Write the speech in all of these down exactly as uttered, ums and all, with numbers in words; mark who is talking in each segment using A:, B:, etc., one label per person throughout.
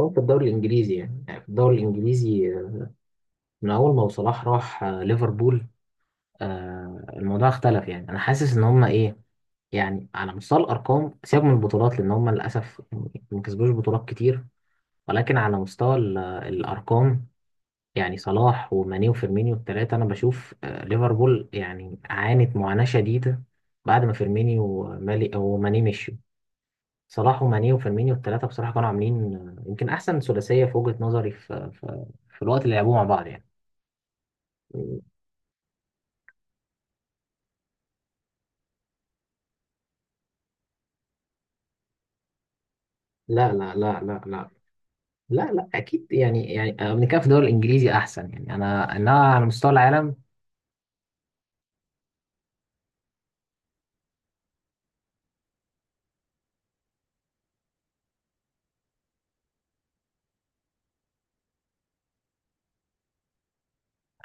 A: هو في الدوري الانجليزي يعني يعني في الدوري الانجليزي، آه، من اول ما صلاح راح آه، ليفربول. آه، الموضوع اختلف، يعني انا حاسس ان هم ايه. يعني على مستوى الارقام، سيبك من البطولات لان هم للاسف ما كسبوش بطولات كتير. ولكن على مستوى ال- الارقام، يعني صلاح وماني وفيرمينيو الثلاثه، انا بشوف آه، ليفربول يعني عانت معاناه شديده بعد ما فيرمينيو ومالي وماني مشوا. صلاح وماني وفيرمينيو الثلاثة بصراحة كانوا عاملين آه، يمكن أحسن ثلاثية في وجهة نظري، في, في, في, الوقت اللي لعبوه مع بعض يعني. لا لا لا لا لا، لا لا أكيد. يعني يعني آه، بنتكلم في الدوري الإنجليزي أحسن، يعني أنا أنا على مستوى العالم.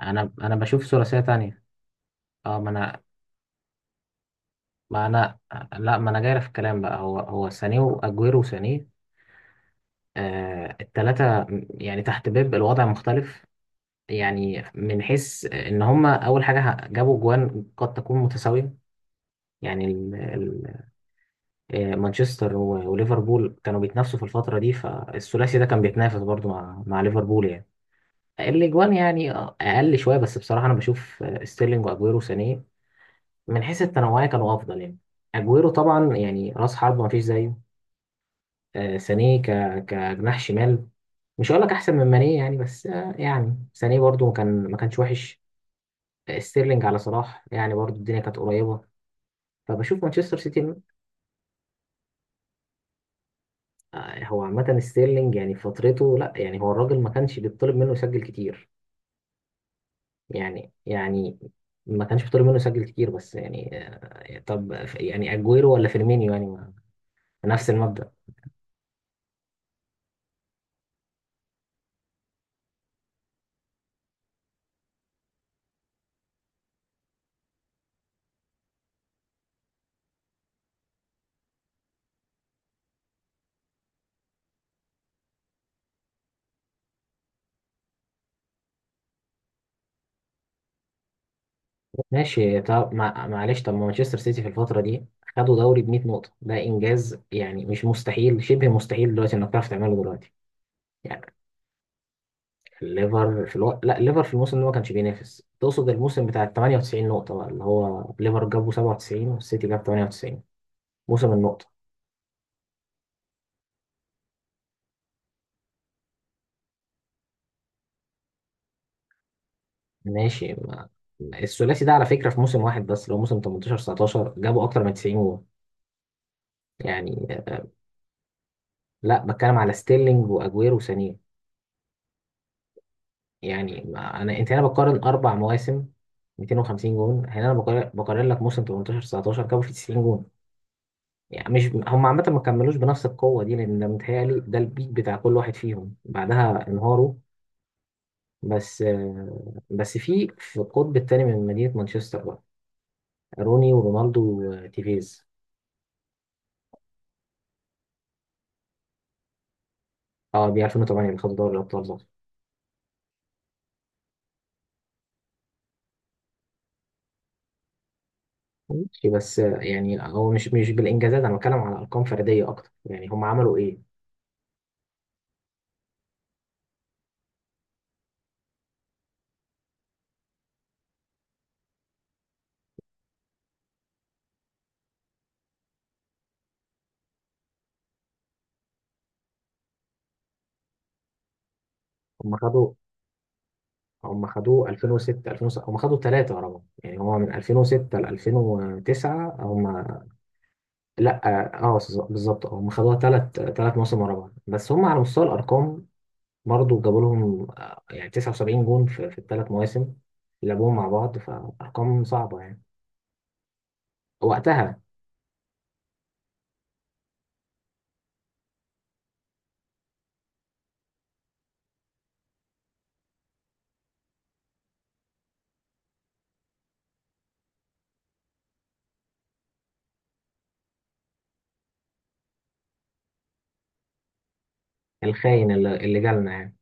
A: أنا أنا بشوف ثلاثية تانية. أه ما أنا. ما أنا. لا ما أنا جاي في الكلام بقى. هو هو سانيه وأجويرو وسانيه. آه الثلاثة م- يعني تحت بيب الوضع مختلف. يعني من حيث إن هما أول حاجة جابوا جوان، قد تكون متساوية يعني. آه، مانشستر و- وليفربول كانوا بيتنافسوا في الفترة دي، فالثلاثي ده كان بيتنافس برضو مع مع ليفربول يعني. الأجوان يعني آه، أقل شوية، بس بصراحة أنا بشوف آه، ستيرلينج وأجويرو سانيه من حيث التنوعية كانوا أفضل يعني. أجويرو طبعا يعني رأس حربة مفيش زيه. آه، سانيه ك كجناح شمال. مش هقول لك أحسن من مانيه يعني، بس آه، يعني سانيه برضو كان ما كانش وحش. آه، ستيرلينج على صلاح يعني برضو الدنيا كانت قريبة، فبشوف مانشستر سيتي. آه، هو عامة ستيرلينج يعني في فترته لا، يعني هو الراجل ما كانش بيطلب منه يسجل كتير. يعني يعني ما كانش بيطلب منه يسجل كتير، بس يعني آه، طب يعني اجويرو ولا فيرمينيو يعني ما- نفس المبدأ. ماشي، طب مع- معلش، طب ما مانشستر سيتي في الفترة دي خدوا دوري ب مائة نقطة، ده انجاز يعني، مش مستحيل، شبه مستحيل دلوقتي انك تعرف تعمله دلوقتي. يعني الليفر في الوقت، لا الليفر في الموسم ده ما كانش بينافس، تقصد الموسم بتاع تمانية وتسعين نقطة بقى اللي هو ليفر جابوا سبعة وتسعين والسيتي جاب تمانية وتسعين، موسم النقطة. ماشي ما. الثلاثي ده على فكرة في موسم واحد بس، اللي هو موسم تمنتاشر تسعتاشر، جابوا أكتر من تسعين جول يعني. آه، لا بتكلم على ستيرلينج وأجويرو وسانيه. يعني ما أنا أنت هنا بقارن أربع مواسم ميتين وخمسين جون، هنا أنا بقارن, بقارن لك موسم تمنتاشر تسعتاشر جابوا فيه تسعين جون. يعني مش هم عامة ما كملوش بنفس القوة دي، لأن متهيألي ده البيك بتاع كل واحد فيهم، بعدها انهاروا. بس آه، بس في في القطب التاني من مدينة مانشستر بقى، روني ورونالدو وتيفيز. اه دي ألفين وتمنية اللي خدوا دوري الابطال ده. ماشي بس آه، يعني هو مش مش بالانجازات، انا بتكلم على ارقام فرديه اكتر، يعني هم عملوا ايه. هم خدوا هم خدوه ألفين وستة ألفين وسبعة، هم خدوا ثلاثه ورا بعض، يعني هو من ألفين وستة ل ألفين وتسعة. هم لا. اه آه، بالظبط. آه، هم خدوها ثلاث ثلاث مواسم ورا بعض، بس هم على مستوى الارقام برضو جابوا لهم آه، يعني تسعة وسبعين جون في في الثلاث مواسم اللي لعبوهم مع بعض، فارقام صعبه يعني وقتها. الخاين اللي, اللي جالنا يعني.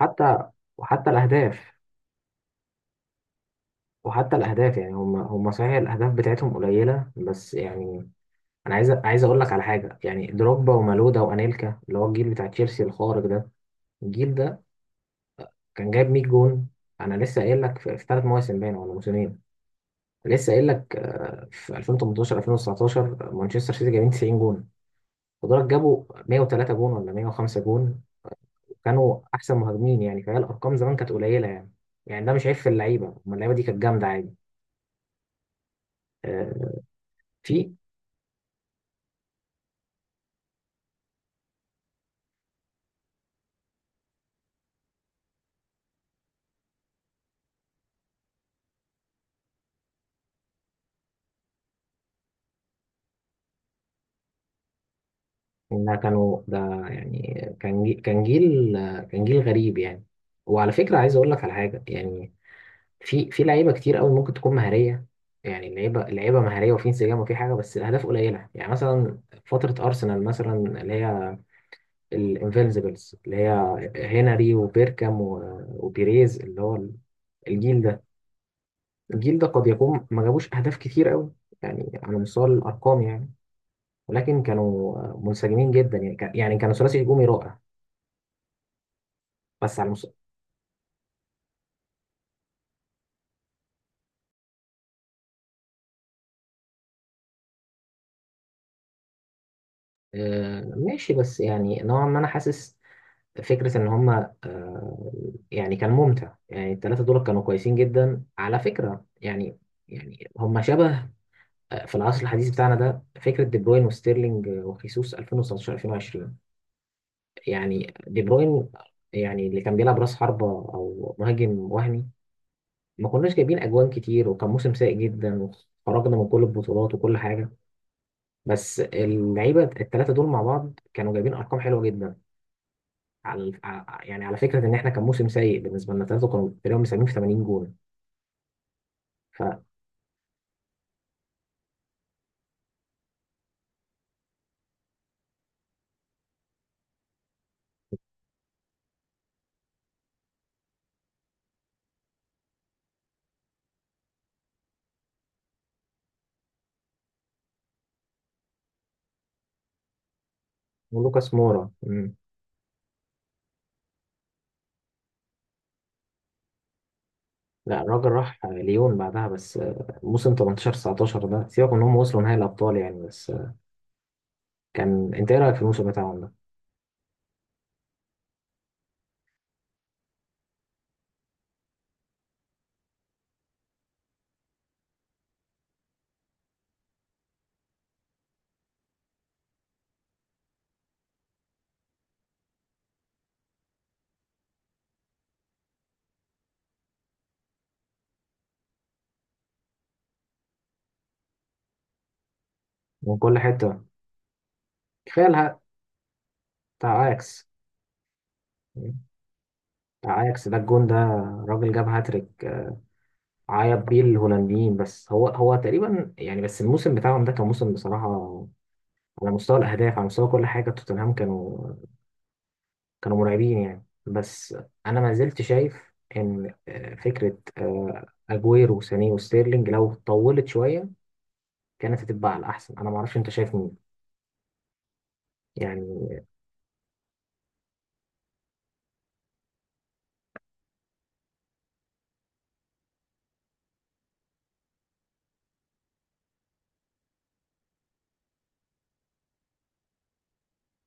A: حتى. وحتى الأهداف. وحتى الاهداف يعني هم هم صحيح الاهداف بتاعتهم قليله، بس يعني انا عايز عايز اقول لك على حاجه، يعني دروجبا ومالودا وانيلكا اللي هو الجيل بتاع تشيلسي الخارق ده، الجيل ده كان جايب مية جون. انا لسه قايل لك في ثلاث مواسم، باين ولا موسمين. لسه قايل لك آه، في ألفين وثمانية عشر ألفين وتسعتاشر مانشستر سيتي جايبين تسعين جون، ودول جابوا مائة وثلاثة جون ولا مائة وخمسة جون وكانوا احسن مهاجمين. يعني فهي الارقام زمان كانت قليله يعني. يعني ده مش عيب في اللعيبه، أما اللعيبه دي كانت جامده عادي. آه، في إنها كانوا ده. يعني كان جي- كان جيل كان جيل غريب يعني. وعلى فكرة عايز أقول لك على حاجة، يعني في في لعيبة كتير قوي ممكن تكون مهارية، يعني اللعيبة اللعيبة مهارية وفي انسجام وفي حاجة، بس الأهداف قليلة. يعني مثلا فترة أرسنال مثلا، اللي هي الانفينسيبلز، اللي هي هنري وبيركام و- وبيريز، اللي هو الجيل ده. الجيل ده قد يكون ما جابوش أهداف كتير قوي، يعني على مستوى الأرقام يعني. ولكن كانوا منسجمين جدا، يعني كان- يعني كانوا ثلاثي هجومي رائع، بس على المس... آه ماشي، بس يعني نوعا ما انا حاسس فكرة ان هما آه. يعني كان ممتع، يعني الثلاثة دول كانوا كويسين جدا على فكرة يعني. يعني هما شبه آه، في العصر الحديث بتاعنا ده، فكرة دي بروين وستيرلينج وخيسوس ألفين وتسعة عشر ألفين وعشرين. يعني دي بروين، يعني اللي كان بيلعب راس حربة او مهاجم وهمي، ما كناش جايبين اجوان كتير وكان موسم سيء جدا وخرجنا من كل البطولات وكل حاجة. بس اللعيبة الثلاثة دول مع بعض كانوا جايبين ارقام حلوة جدا. على على- يعني على فكره ان احنا كان موسم سيء بالنسبه لنا، ثلاثه كانوا تقريبا مساهمين في ثمانين جون. ف ولوكاس مورا. مم. لا الراجل راح ليون بعدها، بس آه، موسم تمنتاشر تسعتاشر ده سيبك من ان هم وصلوا نهائي الابطال يعني، بس آه، كان انت ايه رايك في الموسم بتاعهم ده؟ من كل حته كفايه الها بتاع اياكس. مم. بتاع اياكس ده الجون ده، راجل جاب هاتريك، آه، عيط بيه الهولنديين. بس هو هو تقريبا يعني، بس الموسم بتاعهم ده كان موسم بصراحه على مستوى الاهداف، على مستوى كل حاجه توتنهام كانوا كانوا مرعبين يعني. بس انا ما زلت شايف ان آه، فكره آه، اجويرو وسانيه وستيرلينج لو طولت شويه كانت هتبقى على الاحسن. انا ما اعرفش انت شايف مين يعني.